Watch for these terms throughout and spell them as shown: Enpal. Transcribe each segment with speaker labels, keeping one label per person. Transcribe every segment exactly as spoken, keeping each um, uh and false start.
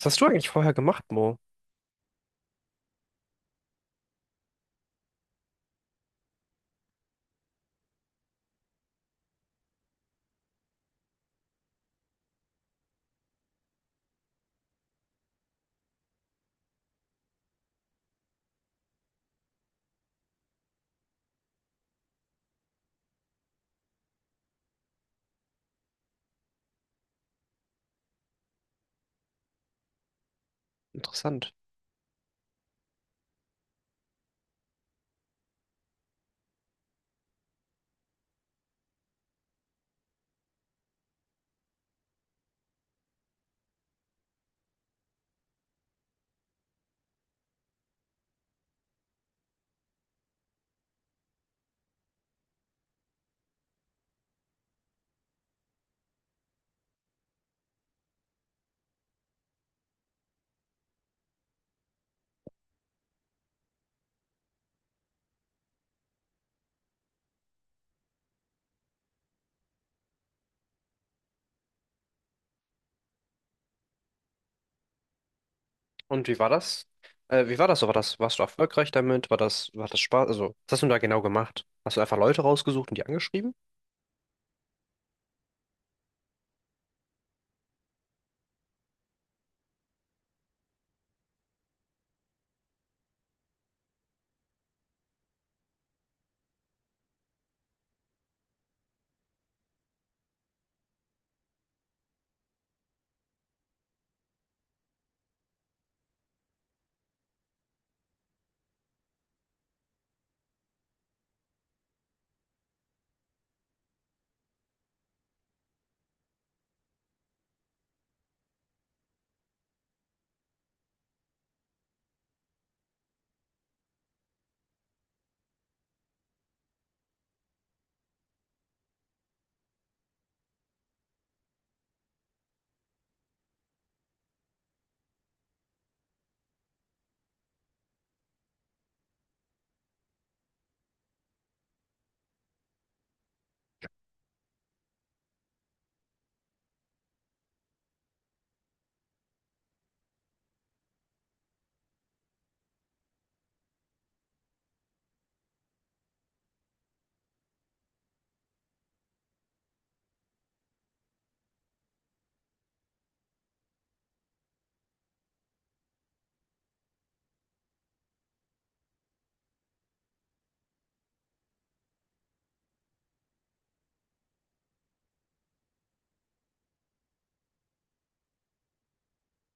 Speaker 1: Was hast du eigentlich vorher gemacht, Mo? Interessant. Und wie war das? Äh, wie war das so? War das, warst du erfolgreich damit? War das, war das Spaß? Also, was hast du da genau gemacht? Hast du einfach Leute rausgesucht und die angeschrieben?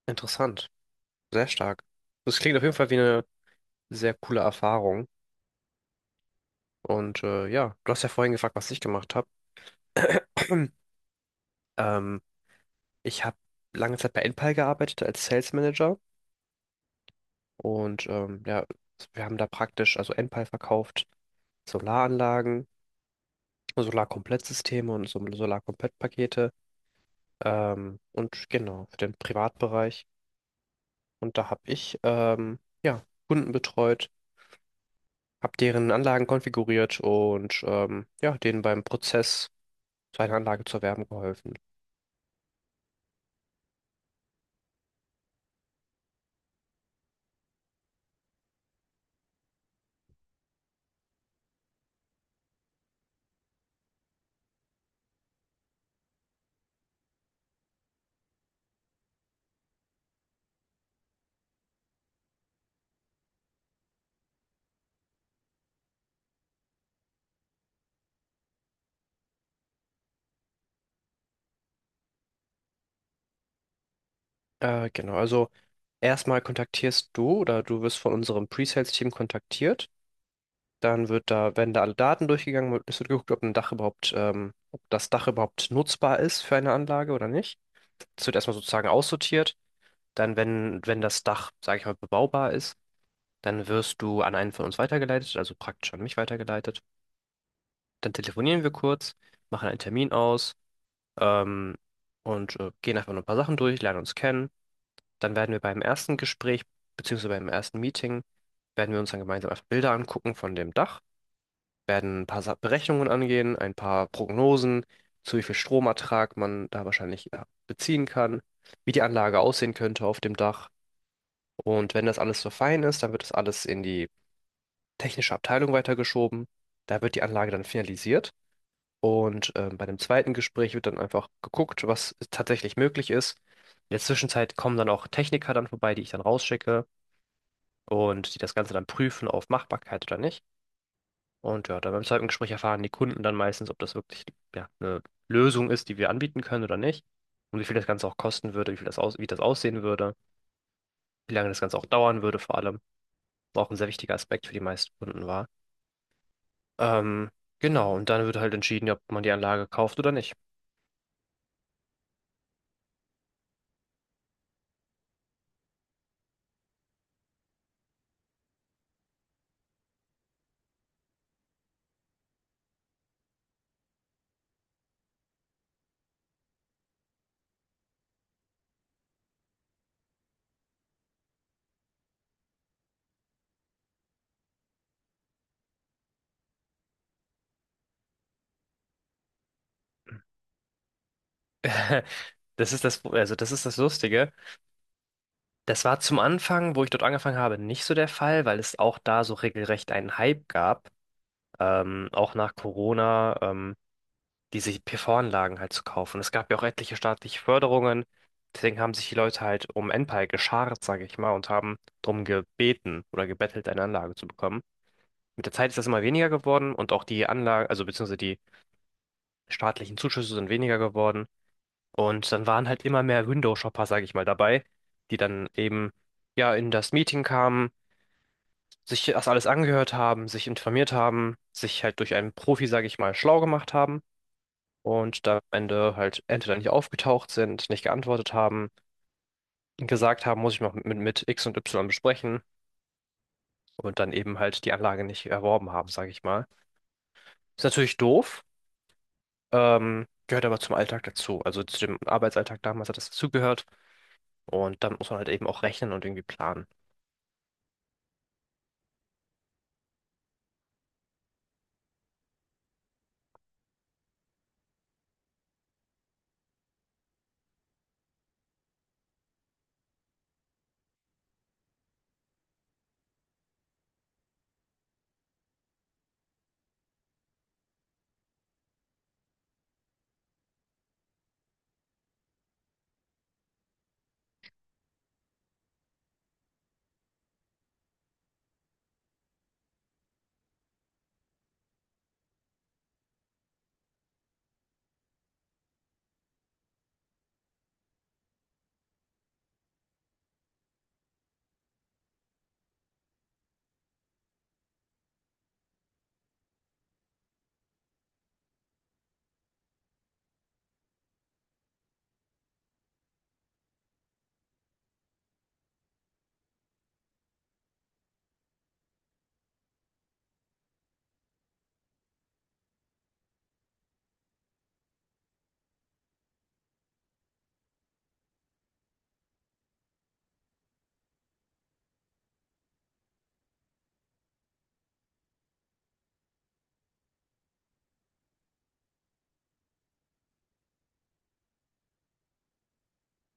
Speaker 1: Interessant. Sehr stark. Das klingt auf jeden Fall wie eine sehr coole Erfahrung. Und äh, ja, du hast ja vorhin gefragt, was ich gemacht habe. Ähm, Ich habe lange Zeit bei Enpal gearbeitet als Sales Manager und ähm, ja, wir haben da praktisch, also Enpal verkauft Solaranlagen, Solarkomplettsysteme und so Solarkomplettpakete. Ähm, und genau, für den Privatbereich. Und da habe ich ähm, ja, Kunden betreut, habe deren Anlagen konfiguriert und ähm, ja, denen beim Prozess, seine Anlage zu erwerben, geholfen. Äh, genau, also erstmal kontaktierst du oder du wirst von unserem Pre-Sales-Team kontaktiert. Dann wird da, werden da alle Daten durchgegangen, es wird geguckt, ob ein Dach überhaupt, ähm, ob das Dach überhaupt nutzbar ist für eine Anlage oder nicht. Es wird erstmal sozusagen aussortiert. Dann, wenn, wenn das Dach, sage ich mal, bebaubar ist, dann wirst du an einen von uns weitergeleitet, also praktisch an mich weitergeleitet. Dann telefonieren wir kurz, machen einen Termin aus, ähm, und äh, gehen einfach nur ein paar Sachen durch, lernen uns kennen. Dann werden wir beim ersten Gespräch, beziehungsweise beim ersten Meeting, werden wir uns dann gemeinsam einfach Bilder angucken von dem Dach, werden ein paar Sa- Berechnungen angehen, ein paar Prognosen, zu wie viel Stromertrag man da wahrscheinlich, ja, beziehen kann, wie die Anlage aussehen könnte auf dem Dach. Und wenn das alles so fein ist, dann wird das alles in die technische Abteilung weitergeschoben. Da wird die Anlage dann finalisiert. Und ähm, bei dem zweiten Gespräch wird dann einfach geguckt, was tatsächlich möglich ist. In der Zwischenzeit kommen dann auch Techniker dann vorbei, die ich dann rausschicke und die das Ganze dann prüfen auf Machbarkeit oder nicht. Und ja, dann beim zweiten Gespräch erfahren die Kunden dann meistens, ob das wirklich, ja, eine Lösung ist, die wir anbieten können oder nicht. Und wie viel das Ganze auch kosten würde, wie viel das aus, wie das aussehen würde, wie lange das Ganze auch dauern würde vor allem. Auch ein sehr wichtiger Aspekt für die meisten Kunden war. Ähm, genau, und dann wird halt entschieden, ob man die Anlage kauft oder nicht. Das ist das, also das ist das Lustige. Das war zum Anfang, wo ich dort angefangen habe, nicht so der Fall, weil es auch da so regelrecht einen Hype gab, ähm, auch nach Corona, ähm, diese P V-Anlagen halt zu kaufen. Es gab ja auch etliche staatliche Förderungen, deswegen haben sich die Leute halt um Enpal geschart, sage ich mal, und haben drum gebeten oder gebettelt, eine Anlage zu bekommen. Mit der Zeit ist das immer weniger geworden und auch die Anlage, also beziehungsweise die staatlichen Zuschüsse sind weniger geworden. Und dann waren halt immer mehr Window-Shopper, sage ich mal, dabei, die dann eben ja in das Meeting kamen, sich das alles angehört haben, sich informiert haben, sich halt durch einen Profi, sage ich mal, schlau gemacht haben und da am Ende halt entweder nicht aufgetaucht sind, nicht geantwortet haben, gesagt haben, muss ich noch mit, mit X und Y besprechen und dann eben halt die Anlage nicht erworben haben, sage ich mal. Ist natürlich doof, ähm, gehört aber zum Alltag dazu. Also zu dem Arbeitsalltag damals hat das dazugehört. Und damit muss man halt eben auch rechnen und irgendwie planen.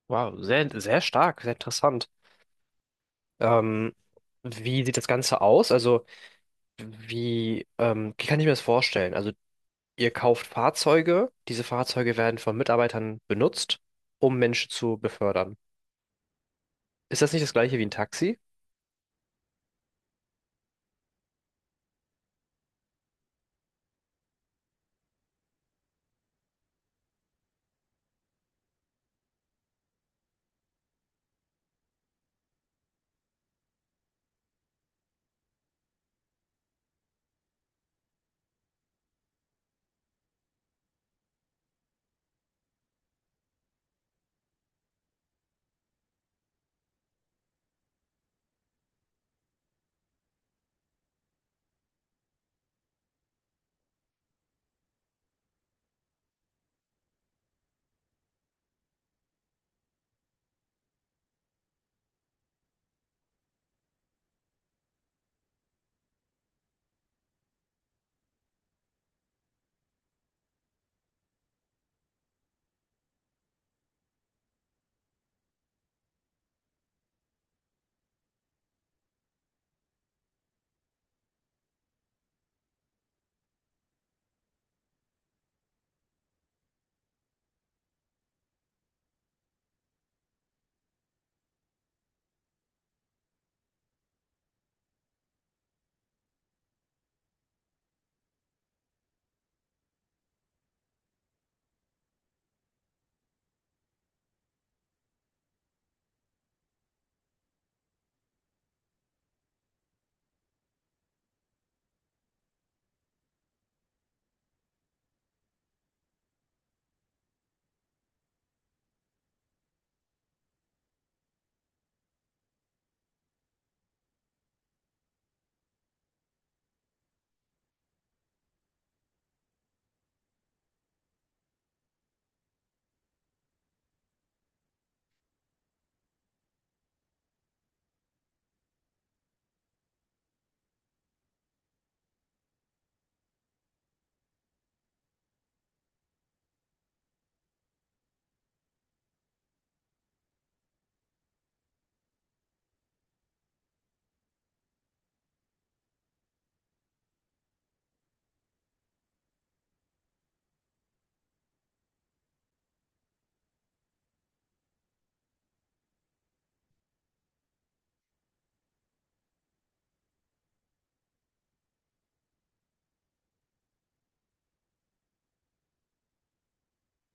Speaker 1: Wow, sehr, sehr stark, sehr interessant. Ähm, Wie sieht das Ganze aus? Also, wie, ähm, wie kann ich mir das vorstellen? Also, ihr kauft Fahrzeuge, diese Fahrzeuge werden von Mitarbeitern benutzt, um Menschen zu befördern. Ist das nicht das gleiche wie ein Taxi?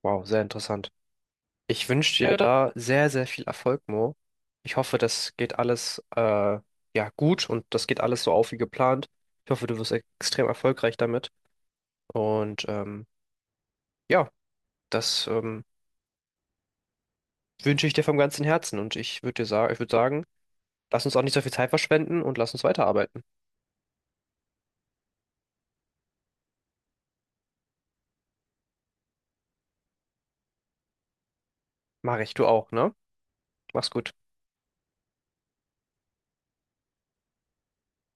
Speaker 1: Wow, sehr interessant. Ich wünsche dir, ja, da sehr, sehr viel Erfolg, Mo. Ich hoffe, das geht alles äh, ja gut und das geht alles so auf wie geplant. Ich hoffe, du wirst extrem erfolgreich damit. Und ähm, ja, das ähm, wünsche ich dir vom ganzen Herzen und ich würde dir sagen, ich würde sagen, lass uns auch nicht so viel Zeit verschwenden und lass uns weiterarbeiten. Mach ich, du auch, ne? Mach's gut.